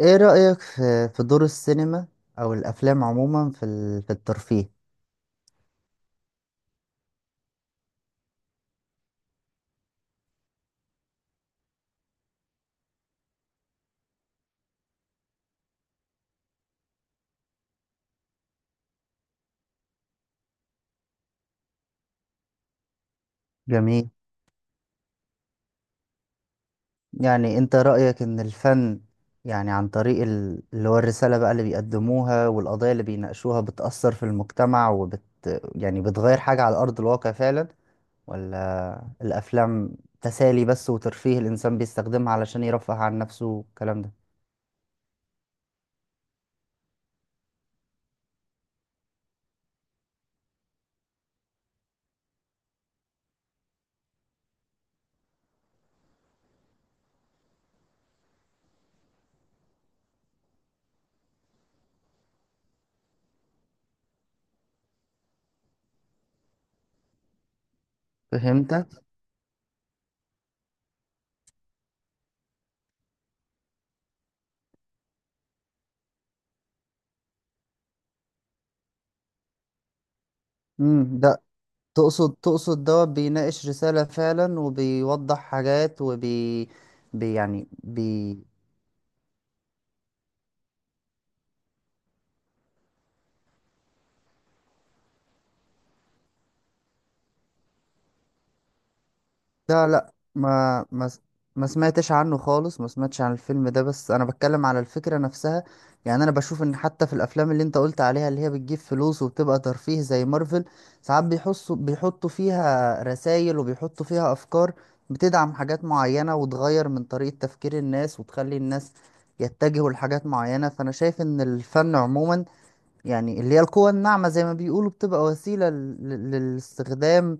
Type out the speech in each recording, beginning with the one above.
ايه رأيك في دور السينما او الافلام عموما في الترفيه جميل. يعني انت رأيك ان الفن، يعني عن طريق اللي هو الرسالة بقى اللي بيقدموها والقضايا اللي بيناقشوها بتأثر في المجتمع وبت يعني بتغير حاجة على أرض الواقع فعلا، ولا الافلام تسالي بس وترفيه الانسان بيستخدمها علشان يرفه عن نفسه والكلام ده. فهمت. تقصد دوت بيناقش رسالة فعلا وبيوضح حاجات وبي بي يعني بي لا لا، ما سمعتش عنه خالص، ما سمعتش عن الفيلم ده، بس انا بتكلم على الفكرة نفسها. يعني انا بشوف ان حتى في الافلام اللي انت قلت عليها، اللي هي بتجيب فلوس وبتبقى ترفيه زي مارفل، ساعات بيحسوا بيحطوا فيها رسائل وبيحطوا فيها افكار بتدعم حاجات معينة وتغير من طريقة تفكير الناس وتخلي الناس يتجهوا لحاجات معينة. فأنا شايف إن الفن عموما، يعني اللي هي القوى الناعمة زي ما بيقولوا، بتبقى وسيلة للاستخدام،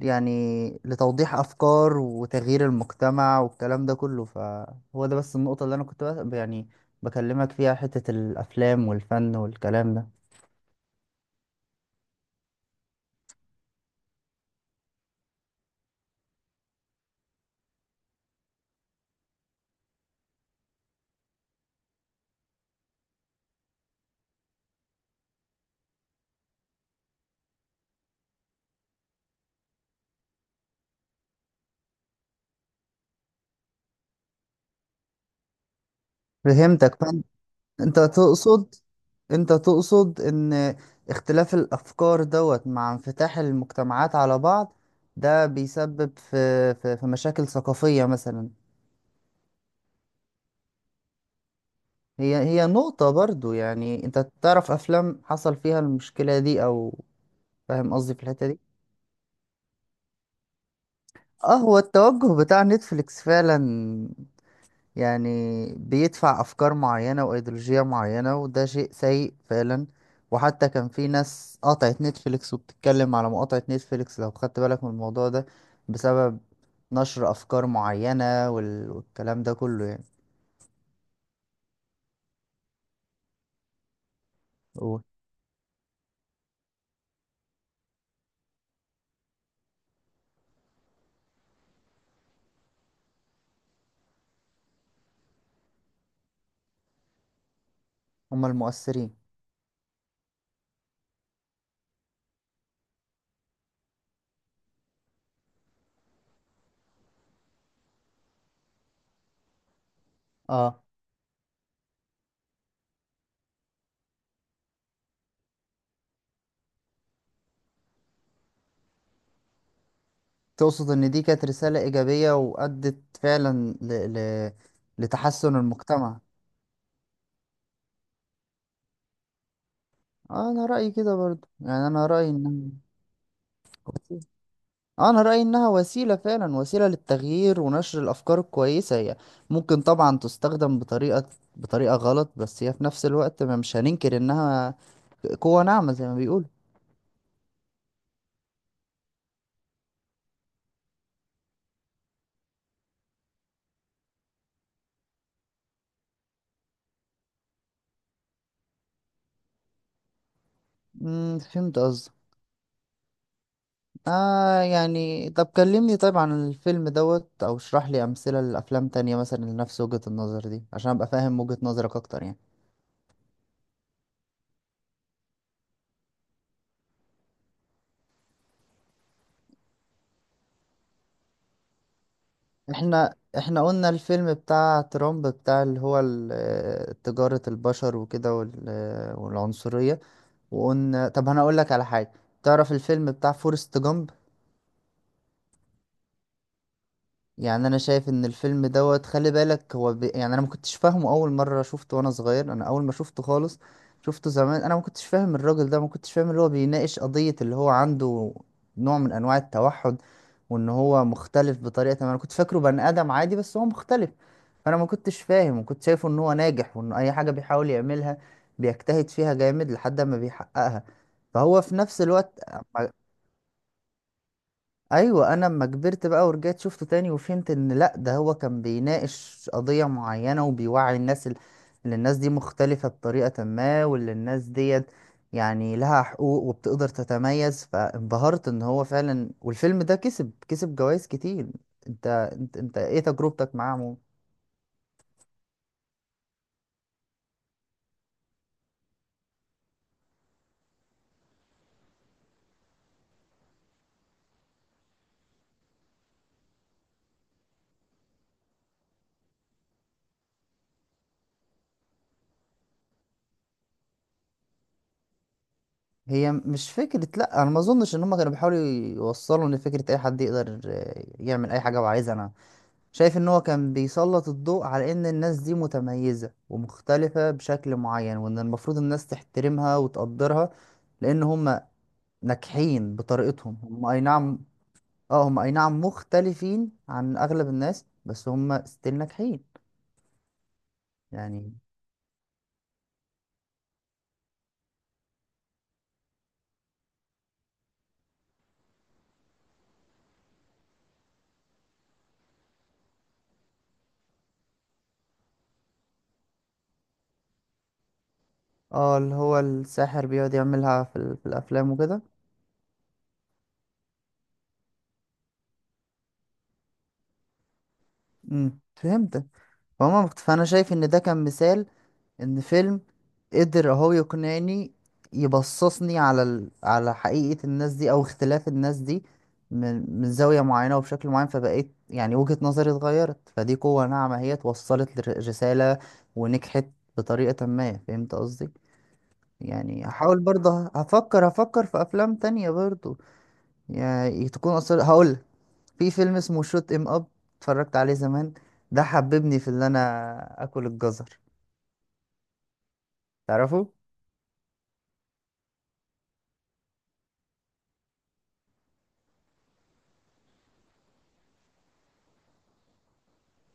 يعني لتوضيح أفكار وتغيير المجتمع والكلام ده كله. فهو ده بس النقطة اللي أنا كنت بكلمك فيها، حتة الأفلام والفن والكلام ده. فهمتك. فأنت أنت تقصد أنت تقصد إن اختلاف الأفكار دوت مع انفتاح المجتمعات على بعض، ده بيسبب في مشاكل ثقافية مثلا. هي نقطة برضو. يعني انت تعرف افلام حصل فيها المشكلة دي او، فاهم قصدي في الحتة دي؟ اه، هو التوجه بتاع نتفليكس فعلا يعني بيدفع افكار معينة وايديولوجية معينة، وده شيء سيء فعلا. وحتى كان في ناس قطعت نتفليكس وبتتكلم على مقاطعة نتفليكس، لو خدت بالك من الموضوع ده، بسبب نشر افكار معينة والكلام ده كله يعني. قول. هما المؤثرين. اه، تقصد إن دي كانت رسالة إيجابية وأدت فعلا ل... لتحسن المجتمع. آه، أنا رأيي كده برضو يعني أنا رأيي إنها آه، أنا رأيي إنها وسيلة فعلا، وسيلة للتغيير ونشر الأفكار الكويسة. هي ممكن طبعا تستخدم بطريقة غلط، بس هي في نفس الوقت ما مش هننكر إنها قوة ناعمة زي ما بيقولوا. فهمت قصدك. آه يعني، طب كلمني طيب عن الفيلم دوت، او اشرح لي امثلة لافلام تانية مثلا لنفس وجهة النظر دي عشان ابقى فاهم وجهة نظرك اكتر يعني. احنا قلنا الفيلم بتاع ترامب، بتاع اللي هو تجارة البشر وكده والعنصرية، وقلنا طب انا اقول لك على حاجة. تعرف الفيلم بتاع فورست جامب؟ يعني انا شايف ان الفيلم دوت، خلي بالك، هو ب... يعني انا ما كنتش فاهمه اول مره شفته وانا صغير. انا اول ما شفته خالص، شفته زمان، انا ما كنتش فاهم الراجل ده، ما كنتش فاهم اللي هو بيناقش قضيه اللي هو عنده نوع من انواع التوحد، وان هو مختلف بطريقه ما. انا كنت فاكره بني ادم عادي، بس هو مختلف. فانا ما كنتش فاهم، وكنت شايفه ان هو ناجح وان اي حاجه بيحاول يعملها بيجتهد فيها جامد لحد ما بيحققها، فهو في نفس الوقت. ايوه، انا لما كبرت بقى ورجعت شفته تاني وفهمت ان لا، ده هو كان بيناقش قضية معينة وبيوعي الناس، ان الناس دي مختلفة بطريقة ما، وان الناس ديت يعني لها حقوق وبتقدر تتميز. فانبهرت ان هو فعلا، والفيلم ده كسب جوائز كتير. انت، انت ايه تجربتك معاه عموما؟ هي مش فكرة، لا انا ما اظنش ان هم كانوا بيحاولوا يوصلوا ان فكرة اي حد يقدر يعمل اي حاجة هو عايزها. انا شايف ان هو كان بيسلط الضوء على ان الناس دي متميزة ومختلفة بشكل معين، وان المفروض الناس تحترمها وتقدرها لان هم ناجحين بطريقتهم هم، اي نعم. اه هم اي نعم مختلفين عن اغلب الناس، بس هم ستيل ناجحين يعني. اه، اللي هو الساحر بيقعد يعملها في الافلام وكده. فهمتك. فانا شايف ان ده كان مثال ان فيلم قدر اهو يقنعني يبصصني على على حقيقة الناس دي، او اختلاف الناس دي من زاوية معينة وبشكل معين. فبقيت يعني وجهة نظري اتغيرت، فدي قوة ناعمة. هي توصلت لرسالة ونجحت بطريقة ما. فهمت قصدي؟ يعني هحاول برضه، هفكر في افلام تانية برضه. يعني تكون اصلا، هقول في فيلم اسمه شوت ام اب، اتفرجت عليه زمان. ده حببني في اللي انا اكل الجزر. تعرفه؟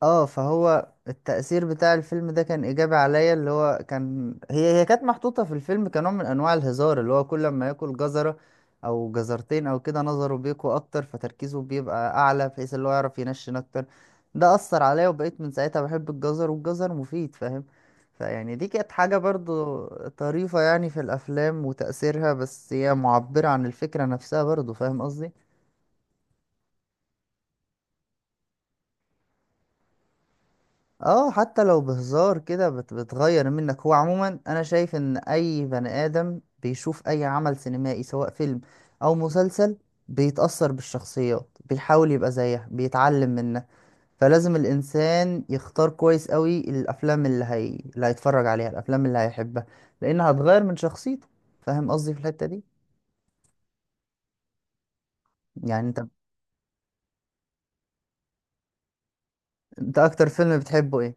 اه، فهو التأثير بتاع الفيلم ده كان إيجابي عليا، اللي هو كان هي كانت محطوطة في الفيلم كنوع من أنواع الهزار، اللي هو كل ما ياكل جزرة أو جزرتين أو كده نظره بيقوى أكتر، فتركيزه بيبقى أعلى بحيث اللي هو يعرف ينشن أكتر. ده أثر عليا، وبقيت من ساعتها بحب الجزر، والجزر مفيد فاهم. فيعني دي كانت حاجة برضو طريفة يعني في الأفلام وتأثيرها، بس هي معبرة عن الفكرة نفسها برضو، فاهم قصدي؟ اه، حتى لو بهزار كده بتغير منك. هو عموما انا شايف ان اي بني ادم بيشوف اي عمل سينمائي سواء فيلم او مسلسل، بيتأثر بالشخصيات، بيحاول يبقى زيها، بيتعلم منها. فلازم الانسان يختار كويس قوي الافلام اللي هيتفرج عليها، الافلام اللي هيحبها، لانها هتغير من شخصيته. فاهم قصدي في الحتة دي؟ يعني انت، انت اكتر فيلم بتحبه ايه؟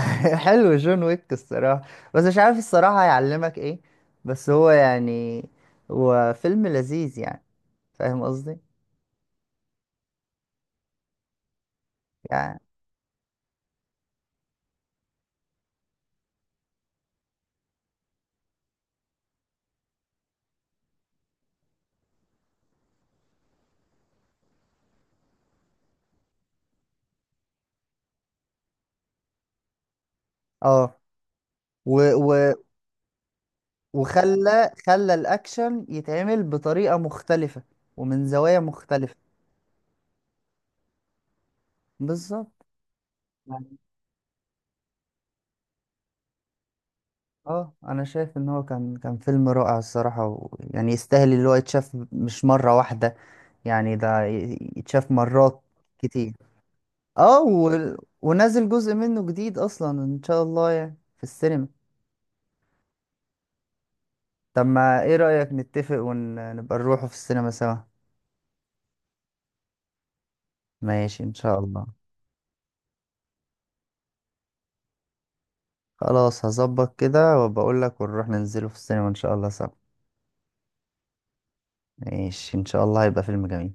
حلو، جون ويك الصراحة. بس مش عارف الصراحة هيعلمك ايه، بس هو يعني هو فيلم لذيذ يعني، فاهم قصدي؟ يعني اه، و و وخلى الأكشن يتعمل بطريقة مختلفة ومن زوايا مختلفة. بالظبط. يعني اه، انا شايف ان هو كان فيلم رائع الصراحة، ويعني يستاهل اللي هو يتشاف مش مرة واحدة، يعني ده يتشاف مرات كتير. اه و... ونازل جزء منه جديد اصلا ان شاء الله يعني في السينما. طب ما ايه رأيك نتفق ونبقى نروحه في السينما سوا؟ ماشي ان شاء الله. خلاص هظبط كده وبقول لك ونروح ننزله في السينما ان شاء الله سوا. ماشي ان شاء الله، هيبقى فيلم جميل.